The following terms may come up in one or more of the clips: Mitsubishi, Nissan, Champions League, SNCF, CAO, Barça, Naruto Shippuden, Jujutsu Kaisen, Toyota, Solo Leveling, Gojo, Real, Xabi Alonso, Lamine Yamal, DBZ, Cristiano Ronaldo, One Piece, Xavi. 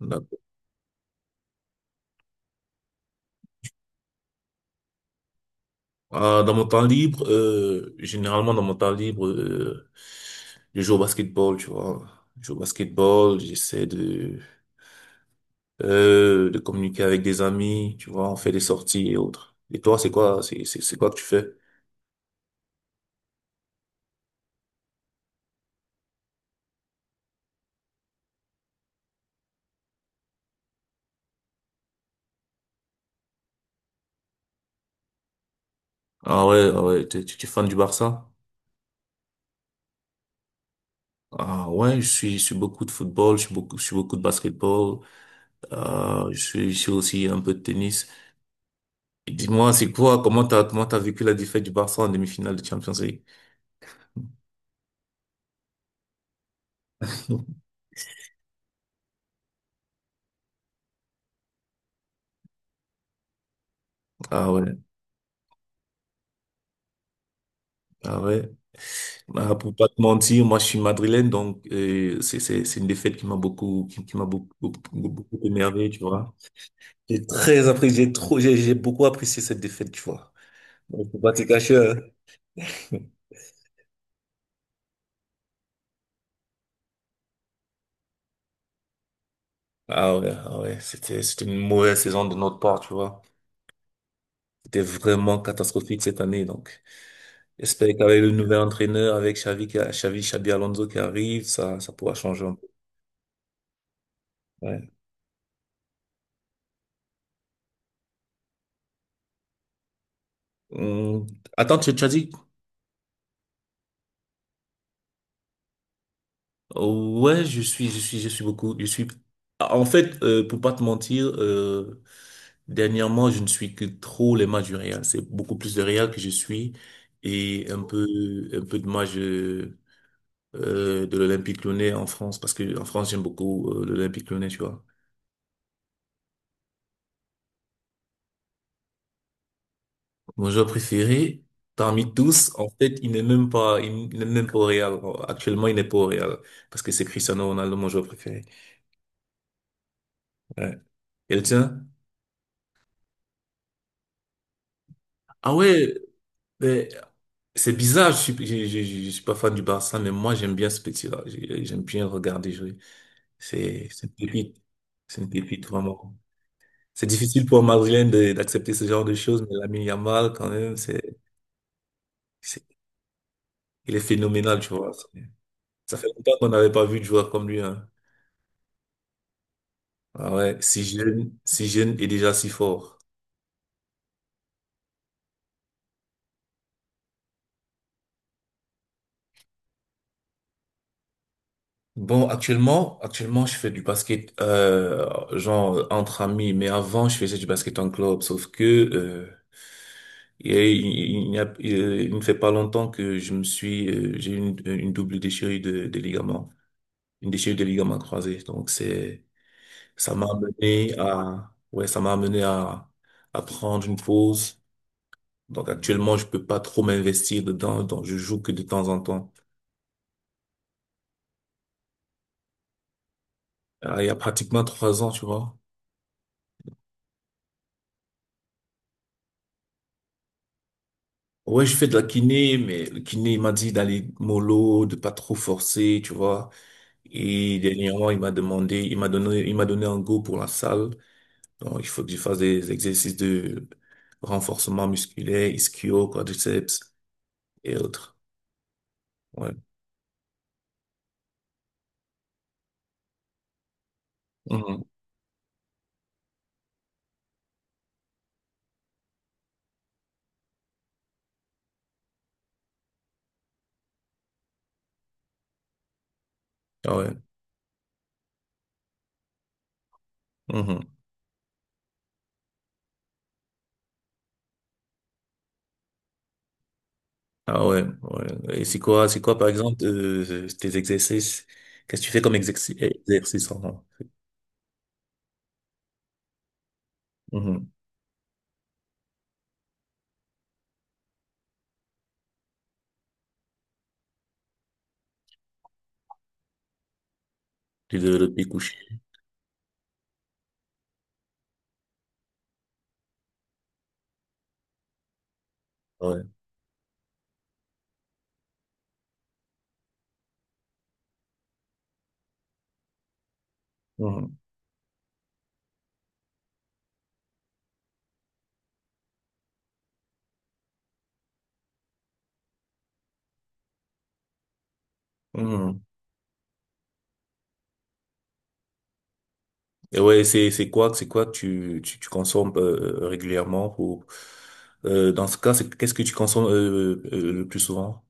D'accord. Ah, dans mon temps libre, généralement dans mon temps libre, je joue au basketball, tu vois. Je joue au basketball, j'essaie de communiquer avec des amis, tu vois, on fait des sorties et autres. Et toi, c'est quoi, c'est quoi que tu fais? Ah ouais, ah ouais, t'es, tu tu es fan du Barça? Ah ouais, je suis beaucoup de football, je suis beaucoup de basketball, je suis aussi un peu de tennis. Et dis-moi, c'est quoi, comment t'as vécu la défaite du Barça en demi-finale de Champions League? Ah ouais. Ah ouais. Ah, pour pas te mentir, moi je suis madrilène, donc c'est une défaite qui m'a beaucoup, beaucoup beaucoup émerveillé, tu vois. J'ai très apprécié, j'ai trop j'ai beaucoup apprécié cette défaite, tu vois. Donc faut pas te cacher, hein. Ah ouais, ah ouais, c'était une mauvaise saison de notre part, tu vois. C'était vraiment catastrophique cette année, donc j'espère qu'avec le nouvel entraîneur, avec Xavi, qui a- Xavi, Xabi Alonso qui arrive, ça pourra changer un peu. Ouais. Hum, Attends, tu as dit. Ouais, je suis beaucoup. Je suis. En fait, pour pas te mentir, dernièrement, je ne suis que trop les matchs du Real. C'est beaucoup plus de Real que je suis et un peu de matchs de l'Olympique Lyonnais en France parce que en France, j'aime beaucoup l'Olympique Lyonnais, tu vois. Mon joueur préféré parmi tous, en fait, il n'est même pas au Real. Actuellement, il n'est pas au Real parce que c'est Cristiano Ronaldo, mon joueur préféré. Ouais. Et le tien? Ah ouais. Mais c'est bizarre, je suis pas fan du Barça, mais moi j'aime bien ce petit-là. J'aime bien le regarder jouer. C'est une pépite. C'est une pépite, vraiment. C'est difficile pour un Madrilène d'accepter ce genre de choses, mais Lamine Yamal, quand même, c'est, il est phénoménal, tu vois. Ça fait longtemps qu'on n'avait pas vu de joueur comme lui, hein. Ah ouais, si jeune, si jeune et déjà si fort. Bon, actuellement, je fais du basket, genre entre amis, mais avant, je faisais du basket en club, sauf que, il ne fait pas longtemps que j'ai eu une double déchirure de ligament, une déchirure de ligaments croisés. Donc c'est, ça m'a amené à, ouais, ça m'a amené à prendre une pause. Donc actuellement, je peux pas trop m'investir dedans, donc je joue que de temps en temps. Ah, il y a pratiquement 3 ans, tu vois. Ouais, je fais de la kiné, mais le kiné, il m'a dit d'aller mollo, de pas trop forcer, tu vois. Et dernièrement, il m'a donné un go pour la salle. Donc, il faut que je fasse des exercices de renforcement musculaire, ischio, quadriceps et autres. Ouais. Mhm. Ah ouais. Mhm. Ah ouais. Ouais. Et c'est quoi, par exemple, tes exercices? Qu'est-ce que tu fais comme exercice en. Mhm. Tu de le pied couché. Ouais. Mhm. Mhm. Et ouais, c'est quoi que tu consommes régulièrement pour, dans ce cas, c'est, qu'est-ce que tu consommes le plus souvent?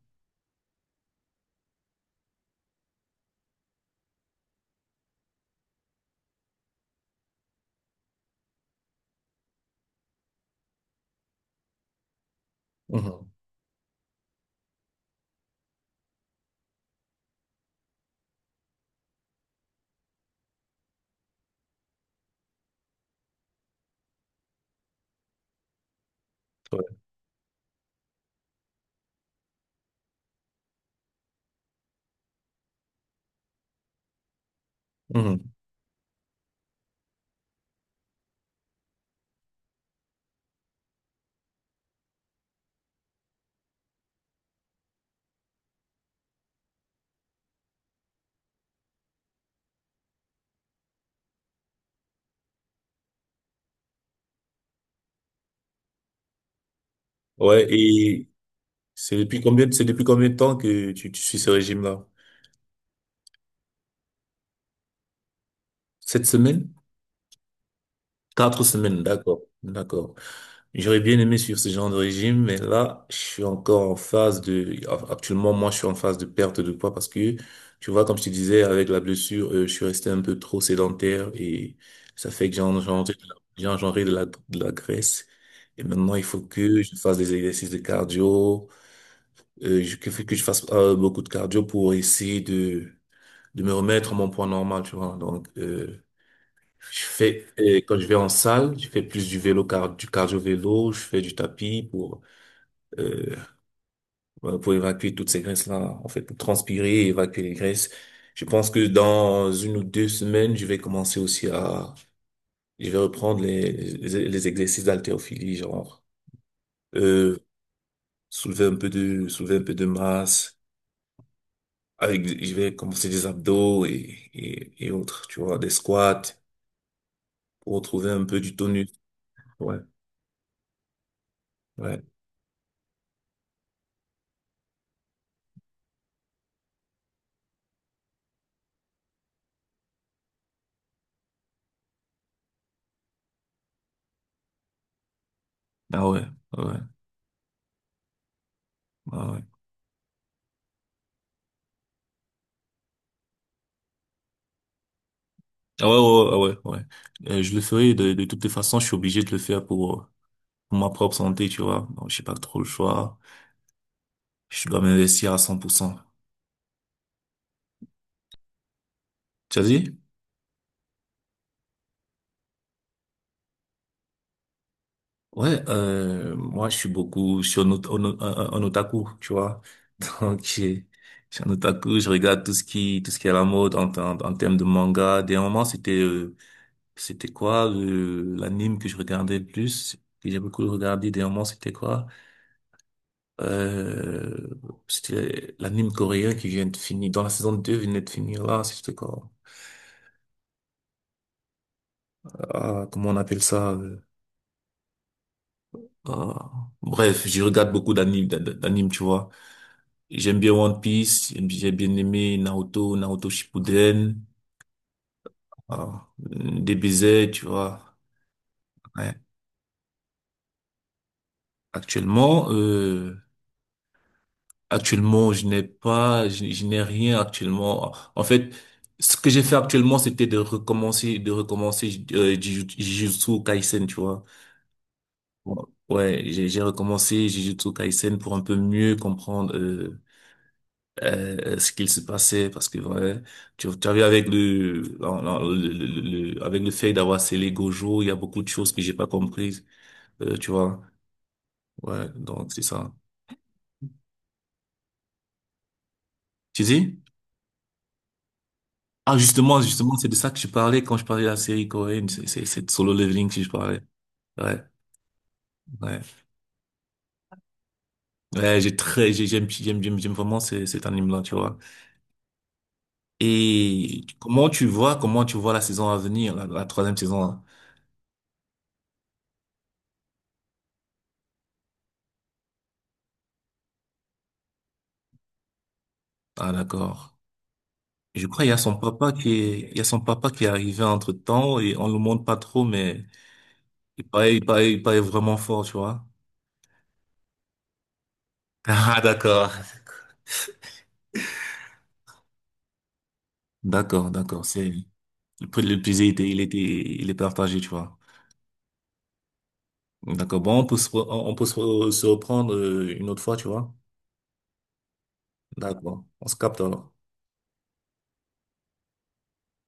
Mhm. Ouais. Mhm. Ouais, et c'est depuis combien de temps que tu suis ce régime-là? 7 semaines? 4 semaines, d'accord, d'accord. J'aurais bien aimé suivre ce genre de régime, mais là, je suis encore en phase de, enfin, actuellement, moi, je suis en phase de perte de poids parce que, tu vois, comme je te disais, avec la blessure, je suis resté un peu trop sédentaire et ça fait que j'ai engendré de la graisse. Et maintenant, il faut que je fasse des exercices de cardio, que je fasse beaucoup de cardio pour essayer de me remettre à mon poids normal, tu vois. Donc, et quand je vais en salle, je fais plus du vélo, car, du cardio-vélo, je fais du tapis pour, euh, voilà, pour évacuer toutes ces graisses-là, en fait, pour transpirer et évacuer les graisses. Je pense que dans 1 ou 2 semaines, je vais commencer aussi à, je vais reprendre les exercices d'haltérophilie, genre, euh, soulever un peu de masse. Avec, je vais commencer des abdos et autres, tu vois, des squats pour retrouver un peu du tonus. Ouais. Ouais. Ah ouais, ah ouais, ah ouais. Ah ouais, ouais, ouais, ah ouais, ouais. Je le ferai de toutes les façons, je suis obligé de le faire pour ma propre santé, tu vois. Donc, j'ai pas trop le choix. Je dois m'investir à 100%. Tu as dit? Ouais, moi, je suis beaucoup, sur un, ot- un otaku, tu vois. Donc, je suis un otaku, je regarde tout ce qui est à la mode en termes de manga. Des moments, c'était quoi, l'anime que je regardais le plus, que j'ai beaucoup regardé. Des moments, c'était quoi? Euh, C'était l'anime coréen qui vient de finir, dans la saison 2 venait de finir là, c'était quoi? Ah, comment on appelle ça? Ah, Bref, je regarde beaucoup d'animes, d'animes, tu vois. J'aime bien One Piece, j'ai bien aimé Naruto, Naruto Shippuden, ah, DBZ, tu vois. Ouais. Actuellement, euh, Actuellement, je n'ai rien actuellement. En fait, ce que j'ai fait actuellement, c'était de recommencer, Jujutsu Kaisen, tu vois. Bon, ouais, j'ai recommencé Jujutsu Kaisen pour un peu mieux comprendre ce qu'il se passait, parce que ouais, tu as vu non, non, avec le fait d'avoir scellé Gojo, il y a beaucoup de choses que j'ai pas comprises, tu vois. Ouais, donc c'est ça. Tu dis? Ah, justement, justement, c'est de ça que je parlais quand je parlais de la série coréenne. C'est de Solo Leveling que je parlais. Ouais, ouais. Ouais, j'aime vraiment cet anime-là, tu vois. Et comment tu vois la saison à venir, la troisième saison, là? Ah, d'accord. Je crois qu'il y a son papa qui est, il y a son papa qui est arrivé entre-temps et on le montre pas trop, mais il paraît vraiment fort, tu vois. Ah, d'accord. D'accord, d'accord. Le prix de l'épuisé, il est partagé, tu vois. D'accord. Bon, on peut se, re- on peut se re- se reprendre une autre fois, tu vois. D'accord. On se capte alors.